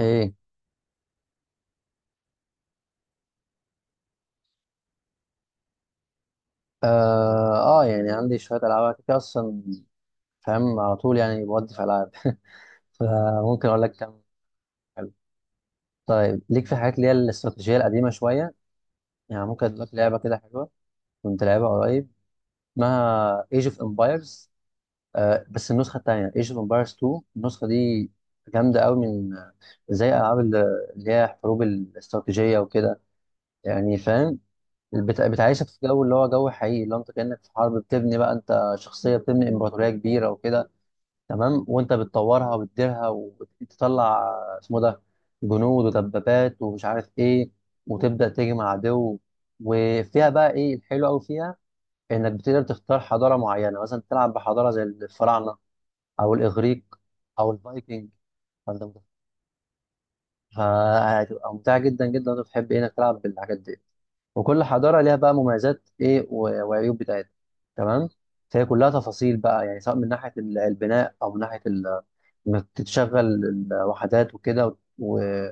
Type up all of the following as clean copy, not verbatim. ايه. اه, يعني عندي شويه العاب كده كده اصلا. فاهم على طول يعني بودي في العاب فممكن اقول لك كام. حلو. طيب ليك في حاجات اللي هي الاستراتيجيه القديمه شويه. يعني ممكن اقول لك لعبه كده حلوه. كنت لعبها قريب. اسمها ايج اوف امبايرز. بس النسخه الثانيه، ايج اوف امبايرز 2. النسخه دي جامده قوي من زي العاب اللي هي حروب الاستراتيجيه وكده. يعني فاهم. بتعيشك في جو اللي هو جو حقيقي، اللي هو انت كأنك في حرب بتبني بقى، انت شخصية بتبني امبراطورية كبيرة وكده. تمام. وانت بتطورها وبتديرها وتطلع. اسمه ده جنود ودبابات ومش عارف ايه. وتبدأ تجمع عدو. وفيها بقى ايه الحلو قوي فيها. انك بتقدر تختار حضارة معينة، مثلا تلعب بحضارة زي الفراعنة، او الاغريق، او الفايكنج. فانت فهتبقى ممتعة جدا جدا لو أنت بتحب إيه، انك تلعب بالحاجات دي. وكل حضاره ليها بقى مميزات ايه وعيوب بتاعتها. تمام. فهي كلها تفاصيل بقى، يعني سواء من ناحيه البناء او من ناحيه انك تشغل الوحدات وكده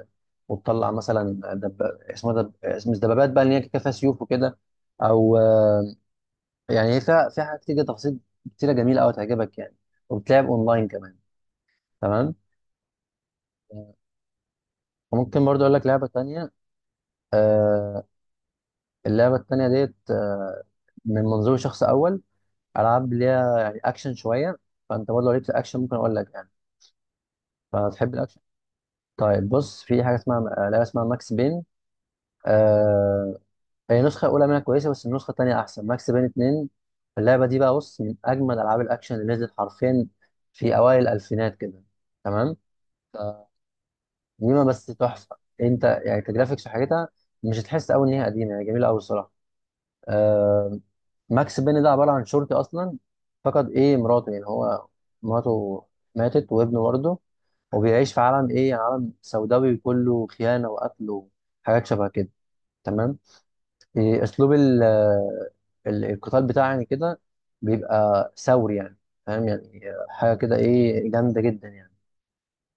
وتطلع مثلا اسم مش دبابات بقى اللي هي كده فيها سيوف وكده. او آه، يعني هي فيها حاجات كتير، تفاصيل كتيره جميله قوي تعجبك يعني. وبتلعب اونلاين كمان. تمام. وممكن برضه اقول لك لعبه تانيه. آه اللعبه التانيه ديت، من منظور شخص اول. العاب ليها يعني اكشن شويه. فانت برضه لو ليك في الاكشن ممكن اقول لك يعني. فتحب الاكشن. طيب بص، في حاجه اسمها لعبه اسمها ماكس بين. آه... هي النسخه الاولى منها كويسه، بس النسخه الثانيه احسن، ماكس بين 2. اللعبه دي بقى بص، من اجمل العاب الاكشن اللي نزلت حرفيا، في اوائل الالفينات كده. تمام. قديمه بس تحفه. انت يعني كجرافيكس وحاجتها مش هتحس قوي ان هي قديمه، يعني جميله قوي الصراحه. ماكس بين ده عباره عن شرطي اصلا. فقد ايه مراته، يعني هو مراته ماتت وابنه برضه. وبيعيش في عالم ايه، عالم سوداوي كله خيانه وقتل وحاجات شبه كده. تمام. إيه، اسلوب القتال بتاعه يعني كده بيبقى ثوري يعني. فاهم يعني. حاجه كده ايه جامده جدا يعني.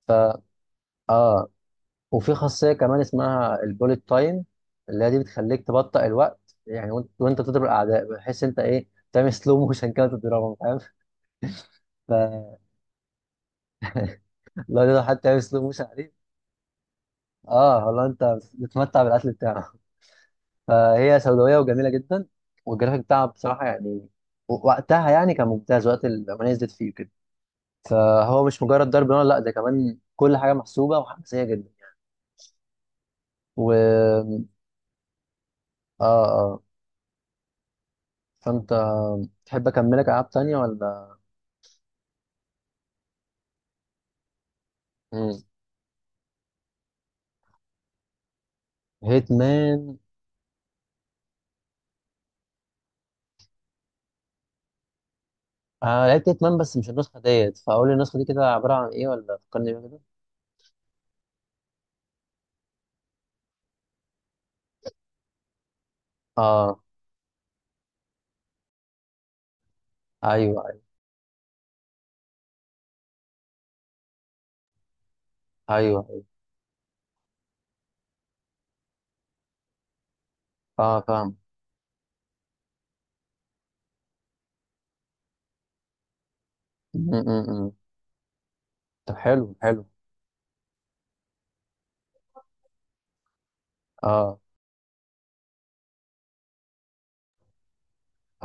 فا اه، وفي خاصيه كمان اسمها البوليت تايم، اللي هي دي بتخليك تبطئ الوقت يعني، وانت بتضرب الاعداء، بحيث انت ايه تعمل سلو موشن كده تضربهم، فاهم. فلو تقدر حتى تعمل سلو موشن عليه. اه والله انت بتتمتع بالاكل بتاعه. فهي سوداويه وجميله جدا. والجرافيك بتاعها بصراحه يعني وقتها يعني كان ممتاز، وقت الأغنية نزلت فيه كده. فهو مش مجرد ضرب نار، لا، ده كمان كل حاجه محسوبه وحماسيه جدا. و اه اه، فانت تحب اكملك العاب تانية ولا؟ مم. هيت مان. آه، لعبت هيت مان بس مش النسخه ديت، فاقول لي النسخه دي كده عباره عن ايه، ولا فكرني بيها كده. اه. ايوه، ايوه. ايوه, أيوة. اه، فاهم. م. طب حلو، حلو. اه.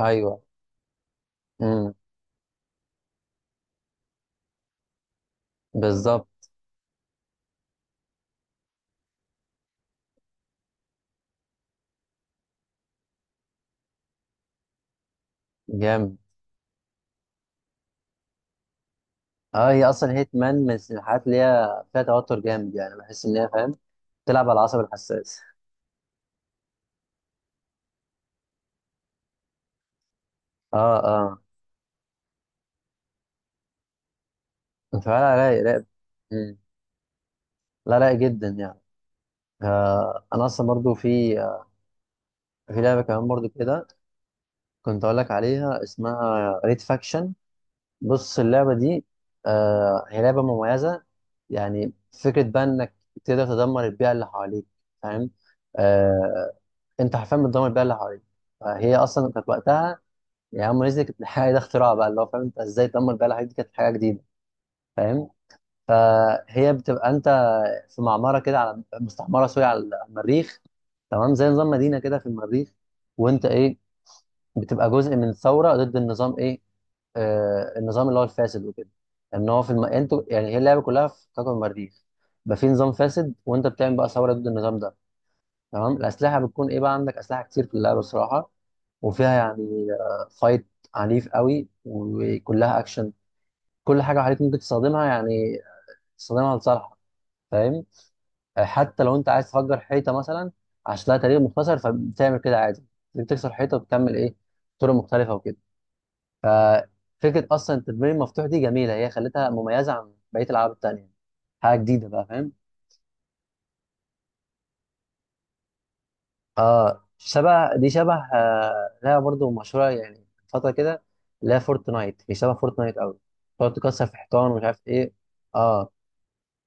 ايوه. امم. بالظبط. جامد. اه، هي اصلا هيت مان من الحاجات اللي هي فيها توتر جامد يعني، بحس ان هي فاهم تلعب على العصب الحساس. اه، اه، فعلا، رايق رايق. مم. لا رايق جدا يعني. انا اصلا برضو في في لعبه كمان برضو كده كنت اقول لك عليها، اسمها ريد فاكشن. بص اللعبه دي، هي لعبه مميزه يعني. فكره بقى انك تقدر تدمر البيئه اللي حواليك، فاهم. آه، انت حرفيا بتدمر بيئه اللي حواليك. فهي اصلا كانت وقتها، يعني هم نزلت، كانت الحاجه ده اختراع بقى، اللي هو فاهم انت ازاي تدمر البيئه اللي حواليك، دي كانت حاجه جديده فاهم. فهي بتبقى انت في معمره كده، على مستعمره، سوري، على المريخ. تمام، زي نظام مدينه كده في المريخ. وانت ايه بتبقى جزء من ثوره ضد النظام، ايه النظام اللي هو الفاسد وكده. ان هو في الم... انتوا، يعني هي اللعبه كلها في كوكب المريخ. بقى في نظام فاسد وانت بتعمل بقى ثوره ضد النظام ده. تمام. الاسلحه بتكون ايه بقى، عندك اسلحه كتير في اللعبه الصراحه. وفيها يعني فايت عنيف قوي وكلها اكشن. كل حاجه عليك ممكن تستخدمها، يعني تستخدمها لصالحك، فاهم. حتى لو انت عايز تفجر حيطه مثلا، عشان لها تاريخ مختصر، فبتعمل كده عادي. بتكسر حيطه وبتعمل ايه طرق مختلفه وكده. ففكره اصلا التدمير المفتوح دي جميله، هي خلتها مميزه عن بقيه الالعاب التانيه. حاجه جديده بقى فاهم. اه، شبه. دي شبه لها برضو مشهوره يعني فتره كده. لا، فورتنايت، هي شبه فورتنايت قوي. تقعد تكسر في حيطان ومش عارف ايه. اه،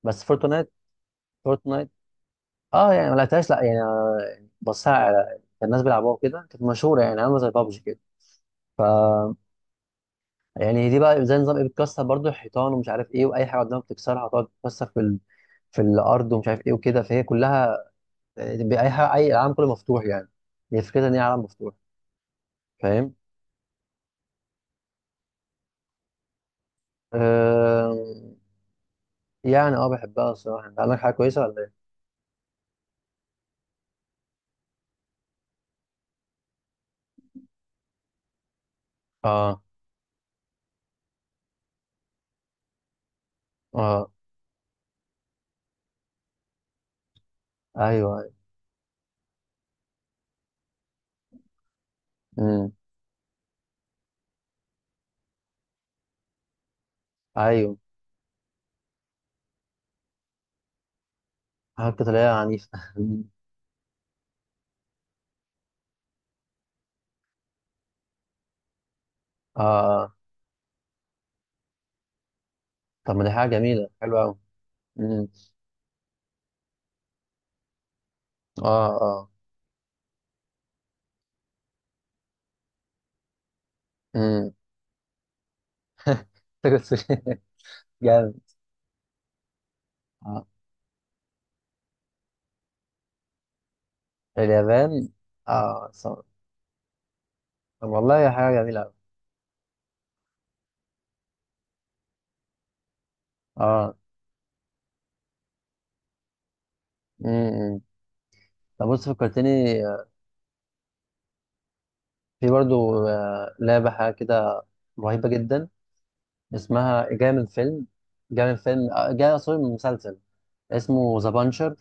بس فورتنايت، فورتنايت اه يعني ما لعبتهاش، لا يعني. بصها، على كان الناس بيلعبوها كده، كانت مشهوره، يعني عامله زي بابجي كده. ف، يعني دي بقى زي نظام ايه، بتكسر برضو الحيطان ومش عارف ايه، واي حاجه قدامك بتكسرها، تقعد تكسر في ال... في الارض ومش عارف ايه وكده. فهي كلها اي حاجه، اي العالم كله مفتوح يعني، هي فكرتها ان هي عالم مفتوح، فاهم. آه... يعني اه بحبها الصراحة. انت عندك حاجة كويسة ولا ايه؟ اه، اه. ايوه، ايوه. امم. ايوه. حاجة قتالية عنيفة أمم. اه. آه. طب ما دي حاجة جميلة حلوة أوي. امم. اه. اه. امم. فكرة السوشي جامد. آه. اليابان. اه، صح. طب والله هي حاجة جميلة أوي. اه. امم. طب بص، فكرتني آه، في برضو لعبة حاجة كده رهيبة جدا، اسمها جاية من فيلم، جاية من فيلم، جاية سوري من مسلسل، اسمه ذا بانشر.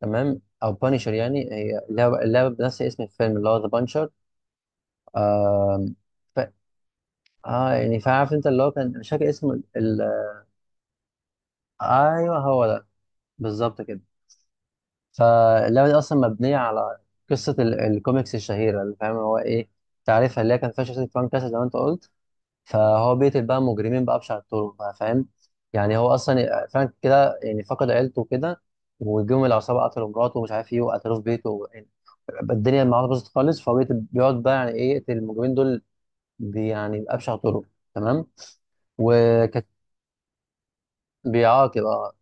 تمام، او بانشر، يعني هي اللعبه بنفس اسم الفيلم اللي هو ذا بانشر. آم، ف... اه يعني فعارف انت اللي هو كان مش فاكر اسم ال... ال... ايوه، هو ده، بالظبط كده. فاللعبه دي اصلا مبنيه على قصه ال... الكوميكس الشهيره، اللي فاهم هو ايه، تعرفها، اللي هي كان فيها شخصيه فرانك كاسل زي ما انت قلت. فهو بيقتل بقى مجرمين بأبشع الطرق بقى، فاهم. يعني هو اصلا فرانك كده يعني فقد عيلته كده. وجم العصابه قتلوا مراته ومش عارف ايه، وقتلوه في بيته. الدنيا معاه باظت خالص، فهو بيقعد بقى يعني ايه يقتل المجرمين دول. يعني بأبشع طرق. تمام. وكانت بيعاقب اه.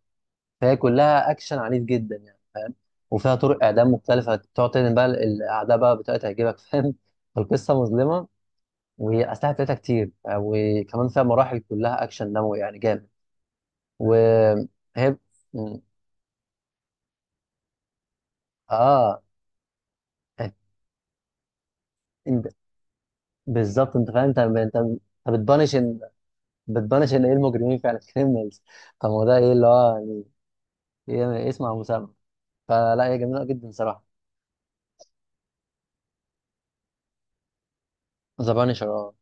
فهي كلها اكشن عنيف جدا يعني، فاهم. وفيها طرق اعدام مختلفه، تقعد تدعم بقى الاعداء بقى بطريقه تعجبك فاهم. فالقصه مظلمه والاسلحه بتاعتها كتير، وكمان فيها مراحل كلها اكشن دموي يعني جامد. وهي م- اه. انت بالظبط، انت فاهم، انت أنت بتبانش ان، ايه، المجرمين فعلا، كريمنالز. طب ما هو ده ايه اللي هو، هي اسم ابو سلمى. فلا هي جميله جدا صراحه. ذا بانشر، اه،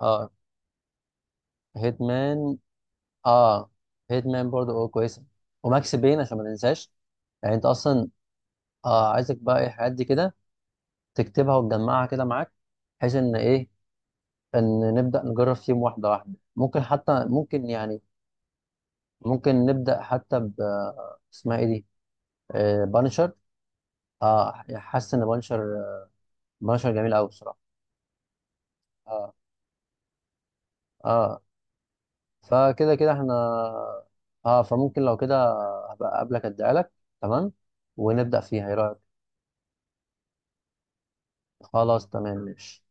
اه، هيتمان. اه، هيتمان برضه اه كويسه. وماكس بين عشان ما ننساش. يعني انت اصلا اه عايزك بقى ايه، الحاجات دي كده تكتبها وتجمعها كده معاك، بحيث ان ايه ان نبدا نجرب فيهم واحده واحده، ممكن حتى، ممكن يعني. ممكن نبدا حتى ب، اسمها ايه دي، بانشر. اه، حاسس ان بانشر. بانشر جميل قوي الصراحه. اه، اه. فكده كده احنا، اه، فممكن لو كده هبقى قبلك اديها لك. تمام، ونبدأ فيها، ايه رأيك؟ خلاص، تمام، ماشي.